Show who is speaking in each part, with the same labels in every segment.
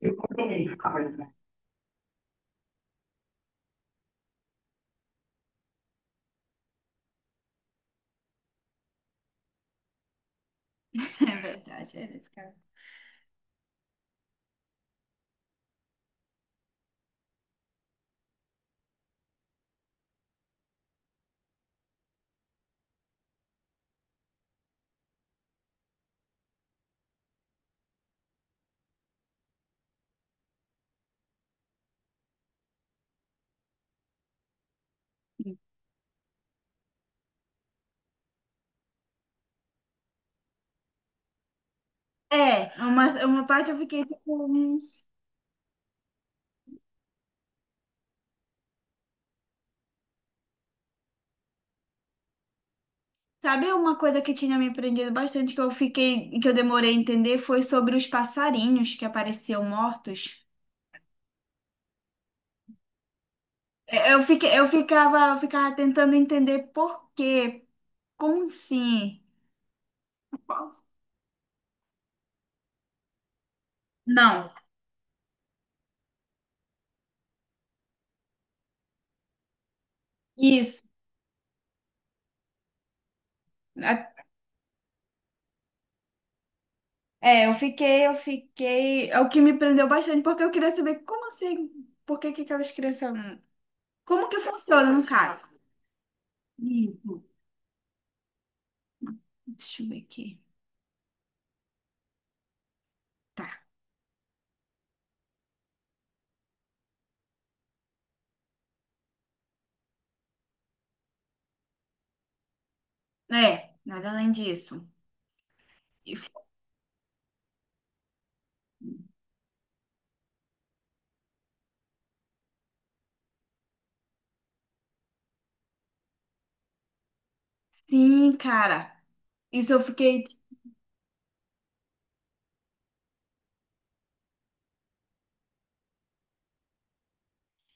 Speaker 1: Eu combinei ficar a Carla. É verdade, era esse cara. É, uma parte eu fiquei tipo, sabe uma coisa que tinha me prendido bastante que eu fiquei, que eu demorei a entender foi sobre os passarinhos que apareciam mortos. É, eu fiquei, eu ficava tentando entender por quê, como assim? Não, isso. A- É, eu fiquei. É o que me prendeu bastante, porque eu queria saber como assim, por que que aquelas crianças. Como que funciona no caso? Isso. Deixa eu ver aqui. Tá. É, nada além disso. E f- Sim, cara. Isso eu fiquei,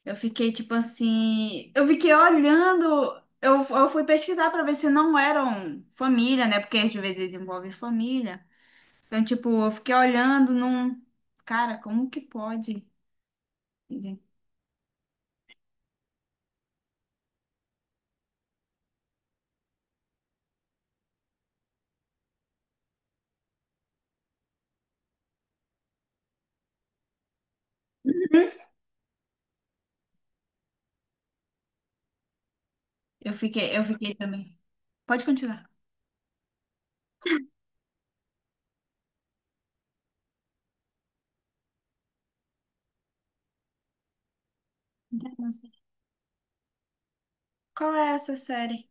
Speaker 1: eu fiquei tipo assim, eu fiquei olhando, eu fui pesquisar pra ver se não eram família, né? Porque às vezes envolve família. Então, tipo, eu fiquei olhando num, cara, como que pode? Eu fiquei também. Pode continuar. Não sei. Qual é essa série?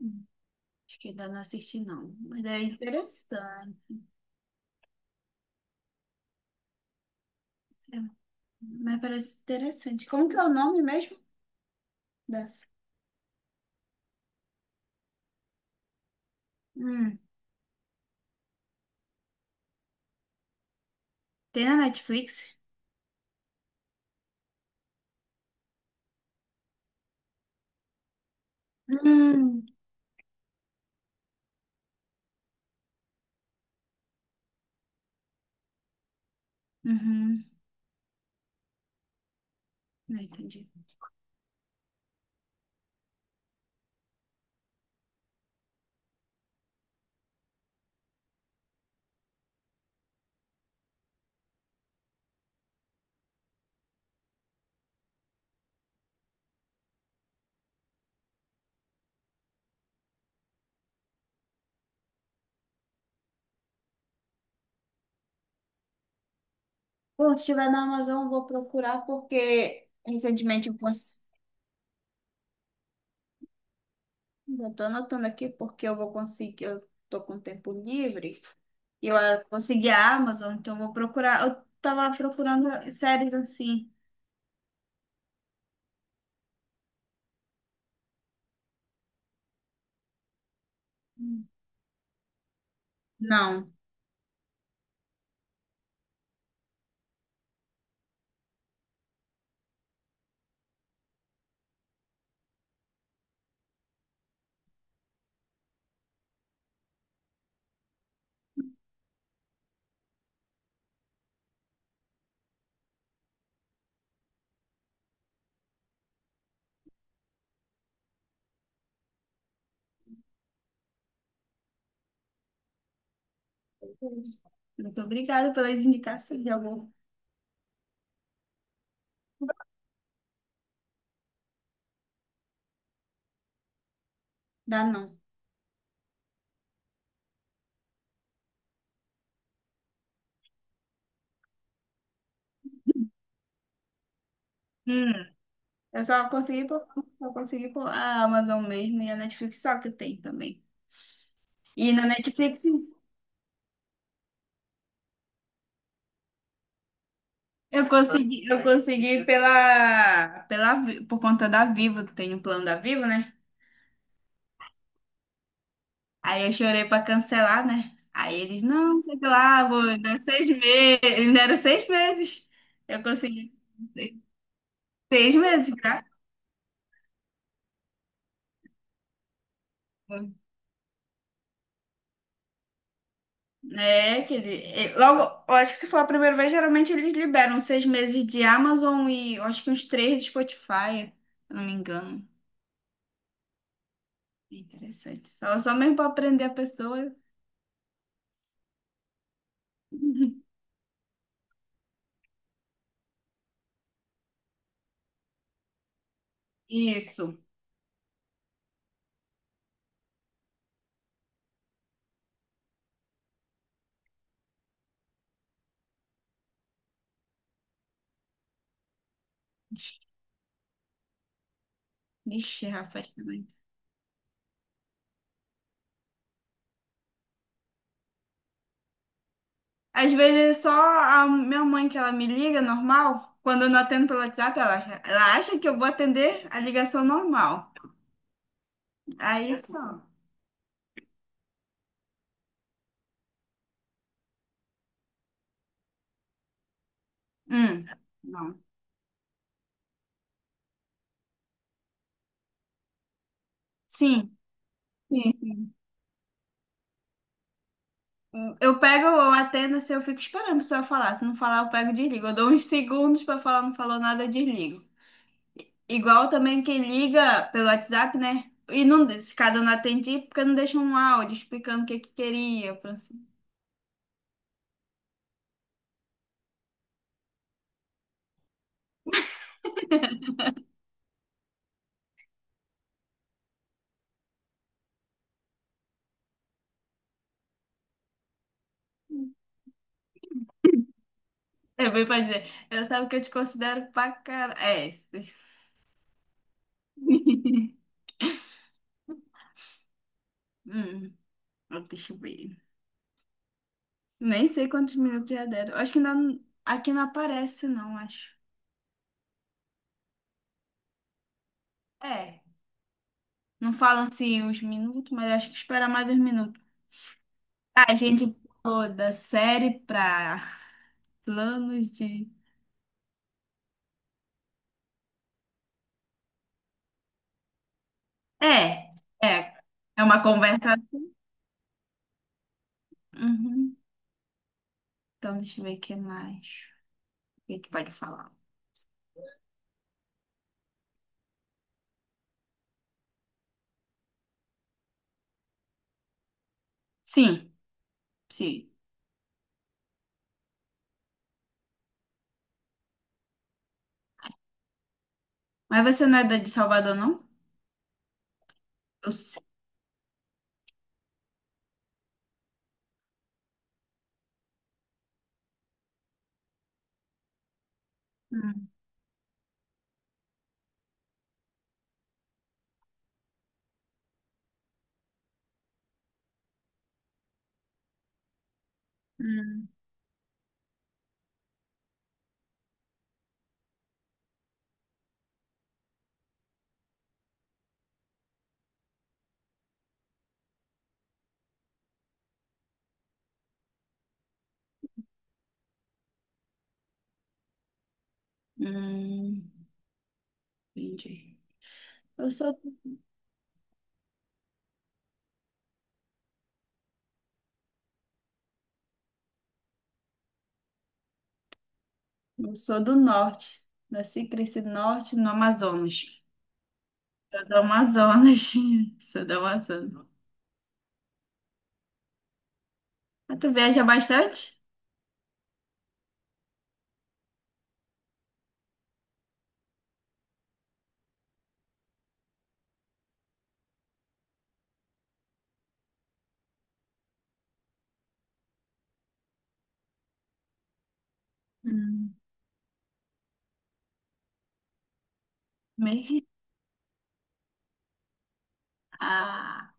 Speaker 1: Hum, Acho que ainda não assisti, não. Mas é interessante. Mas parece interessante. Como que é o nome mesmo dessa? Hum, Tem na Netflix? Hum, uhum. Não entendi. Bom, se tiver na Amazon, eu vou procurar porque recentemente já tô anotando aqui porque eu vou conseguir, eu tô com tempo livre e eu consegui a Amazon, então eu vou procurar. Eu tava procurando séries assim. Hum. Não. Muito obrigada pelas indicações, já vou dar não. Hum. Eu só consegui por a Amazon mesmo e a Netflix só que tem também. E na Netflix eu consegui pela por conta da Vivo, tem um plano da Vivo, né? Aí eu chorei pra cancelar, né? Aí eles, não, sei lá, vou dar 6 meses. Eles me deram 6 meses. Eu consegui 6 meses, tá? É, que ele, é, logo, eu acho que se for a primeira vez, geralmente eles liberam 6 meses de Amazon e eu acho que uns três de Spotify, se eu não me engano. É interessante. Só mesmo para aprender a pessoa. Isso. Ixi, rapaz, também. Às vezes é só a minha mãe que ela me liga, normal. Quando eu não atendo pelo WhatsApp, ela acha que eu vou atender a ligação normal. Aí só. Hum, não. Sim, sim. Eu pego, eu atendo, assim, eu fico esperando a pessoa falar. Se não falar, eu pego e desligo. Eu dou uns segundos pra falar, não falou nada, eu desligo. Igual também quem liga pelo WhatsApp, né? E não, se cada um não atende, porque não deixa um áudio explicando o que que queria. Eu venho pra dizer, eu sabe que eu te considero pra cara. É, esse. Hum, Deixa eu ver. Nem sei quantos minutos já deram. Acho que ainda não- aqui não aparece, não, acho. É. Não falam assim os minutos, mas acho que espera mais 2 minutos. A gente pulou da série para planos de. É, é, é uma conversa. Uhum. Então, deixa eu ver o que mais. O que a gente pode falar? Sim, sim. Mas você não é da de Salvador, não? Eu sou. Hum, hum, hum, entendi. Eu sou, eu sou do norte. Nasci e cresci no norte, no Amazonas. Sou do Amazonas. Sou do Amazonas. Mas tu viaja bastante? Hum. Meio. Ah.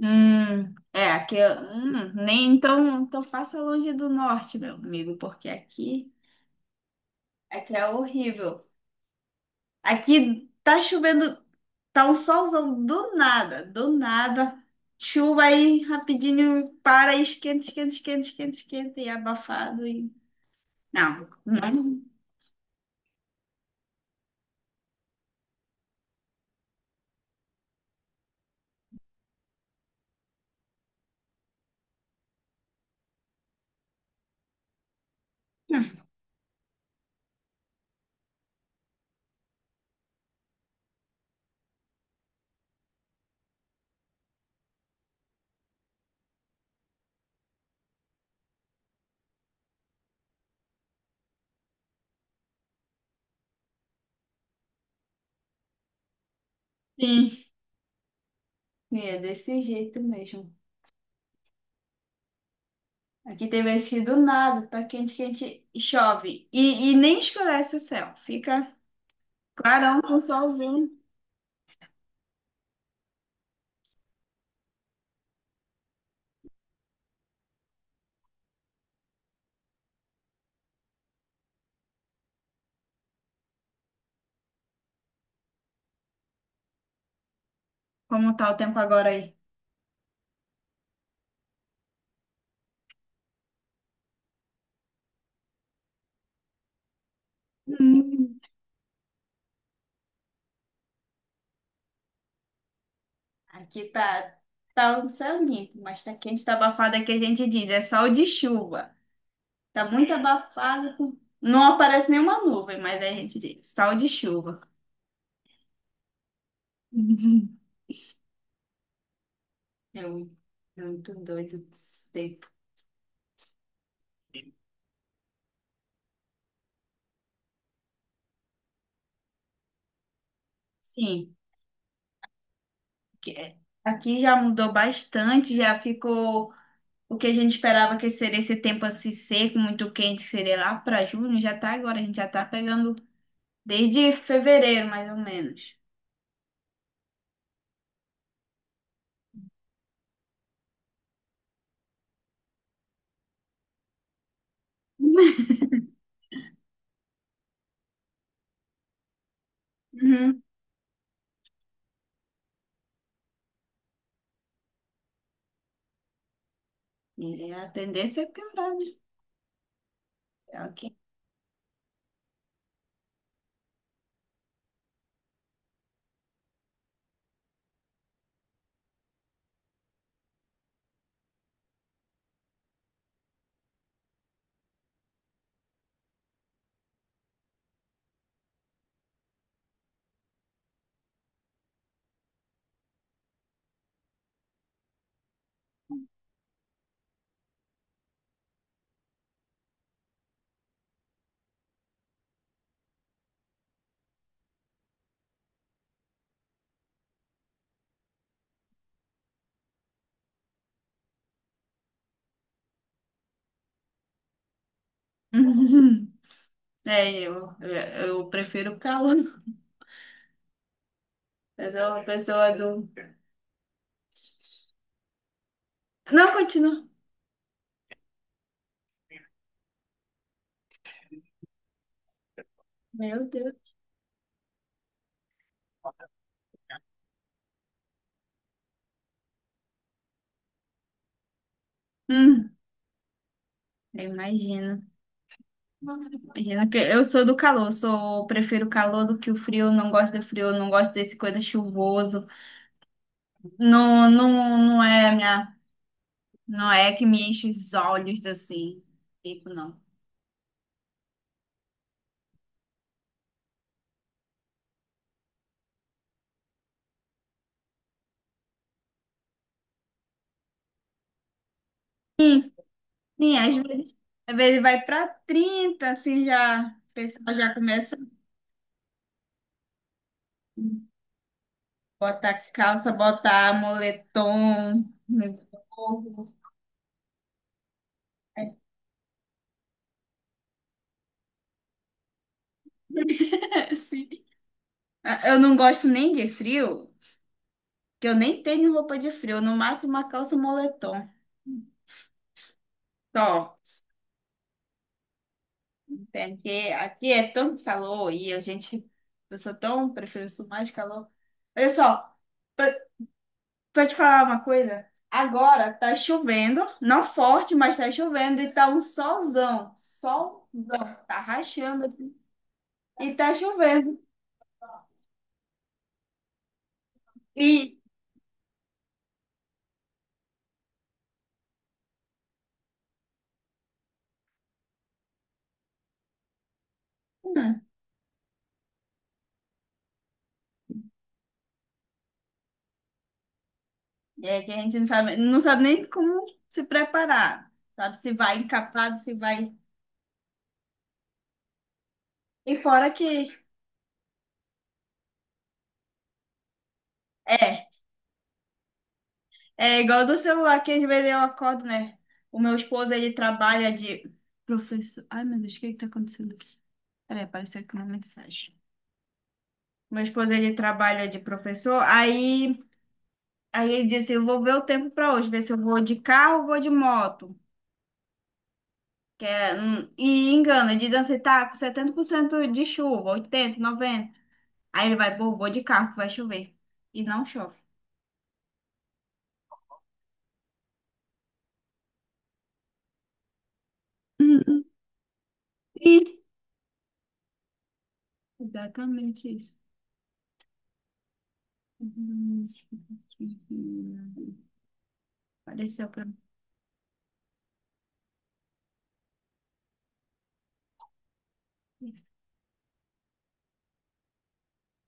Speaker 1: É, aqui, nem então, faça longe do norte, meu amigo, porque aqui é horrível. Aqui tá chovendo, tá um solzão do nada, do nada. Chuva aí rapidinho para, e esquenta, esquenta, esquenta, esquenta, esquenta e é abafado e não, não. Sim, sim, é desse jeito mesmo. Aqui tem vezes que do nada tá quente, quente e chove e nem escurece o céu, fica clarão com solzinho. Como tá o tempo agora aí? Hum. Aqui tá o céu limpo, mas tá quente, tá abafado, é que a gente diz, é sol de chuva. Tá muito abafado, não aparece nenhuma nuvem, mas aí a gente diz, sol de chuva. Uhum. É um- É muito doido esse tempo. Sim, que é- aqui já mudou bastante, já ficou o que a gente esperava que seria esse tempo assim seco, muito quente, que seria lá para junho, já tá agora, a gente já tá pegando desde fevereiro, mais ou menos. Uhum. E a tendência é piorar, né? É o que- É, eu prefiro o calor. Mas é uma pessoa do. Não, continua. Meu Deus. Hum, eu imagino. Imagina que eu sou do calor, sou, prefiro o calor do que o frio, não gosto do frio, não gosto desse coisa chuvoso. Não, não, não é minha, não é que me enche os olhos assim. Tipo, não. Sim, às vezes vai para 30 assim já, o pessoal já começa. Botar calça, botar moletom no corpo. Sim. Eu não gosto nem de frio, que eu nem tenho roupa de frio, no máximo uma calça e um moletom. Só. Aqui é tanto calor e a gente. Eu sou tão. Prefiro isso mais calor. Olha só, pra, pra te falar uma coisa. Agora tá chovendo, não forte, mas tá chovendo e tá um solzão. Solzão. Tá rachando aqui. E tá chovendo. E. hum, É que a gente não sabe, não sabe nem como se preparar, sabe? Se vai encapado, se vai. E fora que é, é igual do celular que às vezes eu acordo, né? O meu esposo, ele trabalha de professor. Ai, meu Deus, o que que tá acontecendo aqui? Peraí, apareceu aqui uma mensagem. Meu esposo, ele trabalha de professor, aí ele disse, eu vou ver o tempo para hoje, ver se eu vou de carro ou vou de moto. Que é, e engana, de dança, tá com 70% de chuva, 80, aí ele vai, pô, vou de carro que vai chover. E não chove. Hum, E exatamente isso. Apareceu pra mim.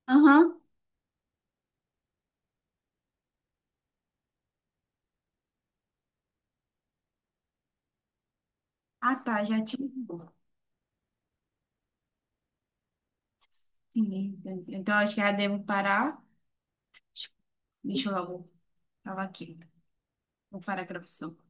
Speaker 1: Aham. Ah, tá, já tinha. Sim, acho que já devo parar. Deixa eu logo. Tava aqui. Vou parar a gravação.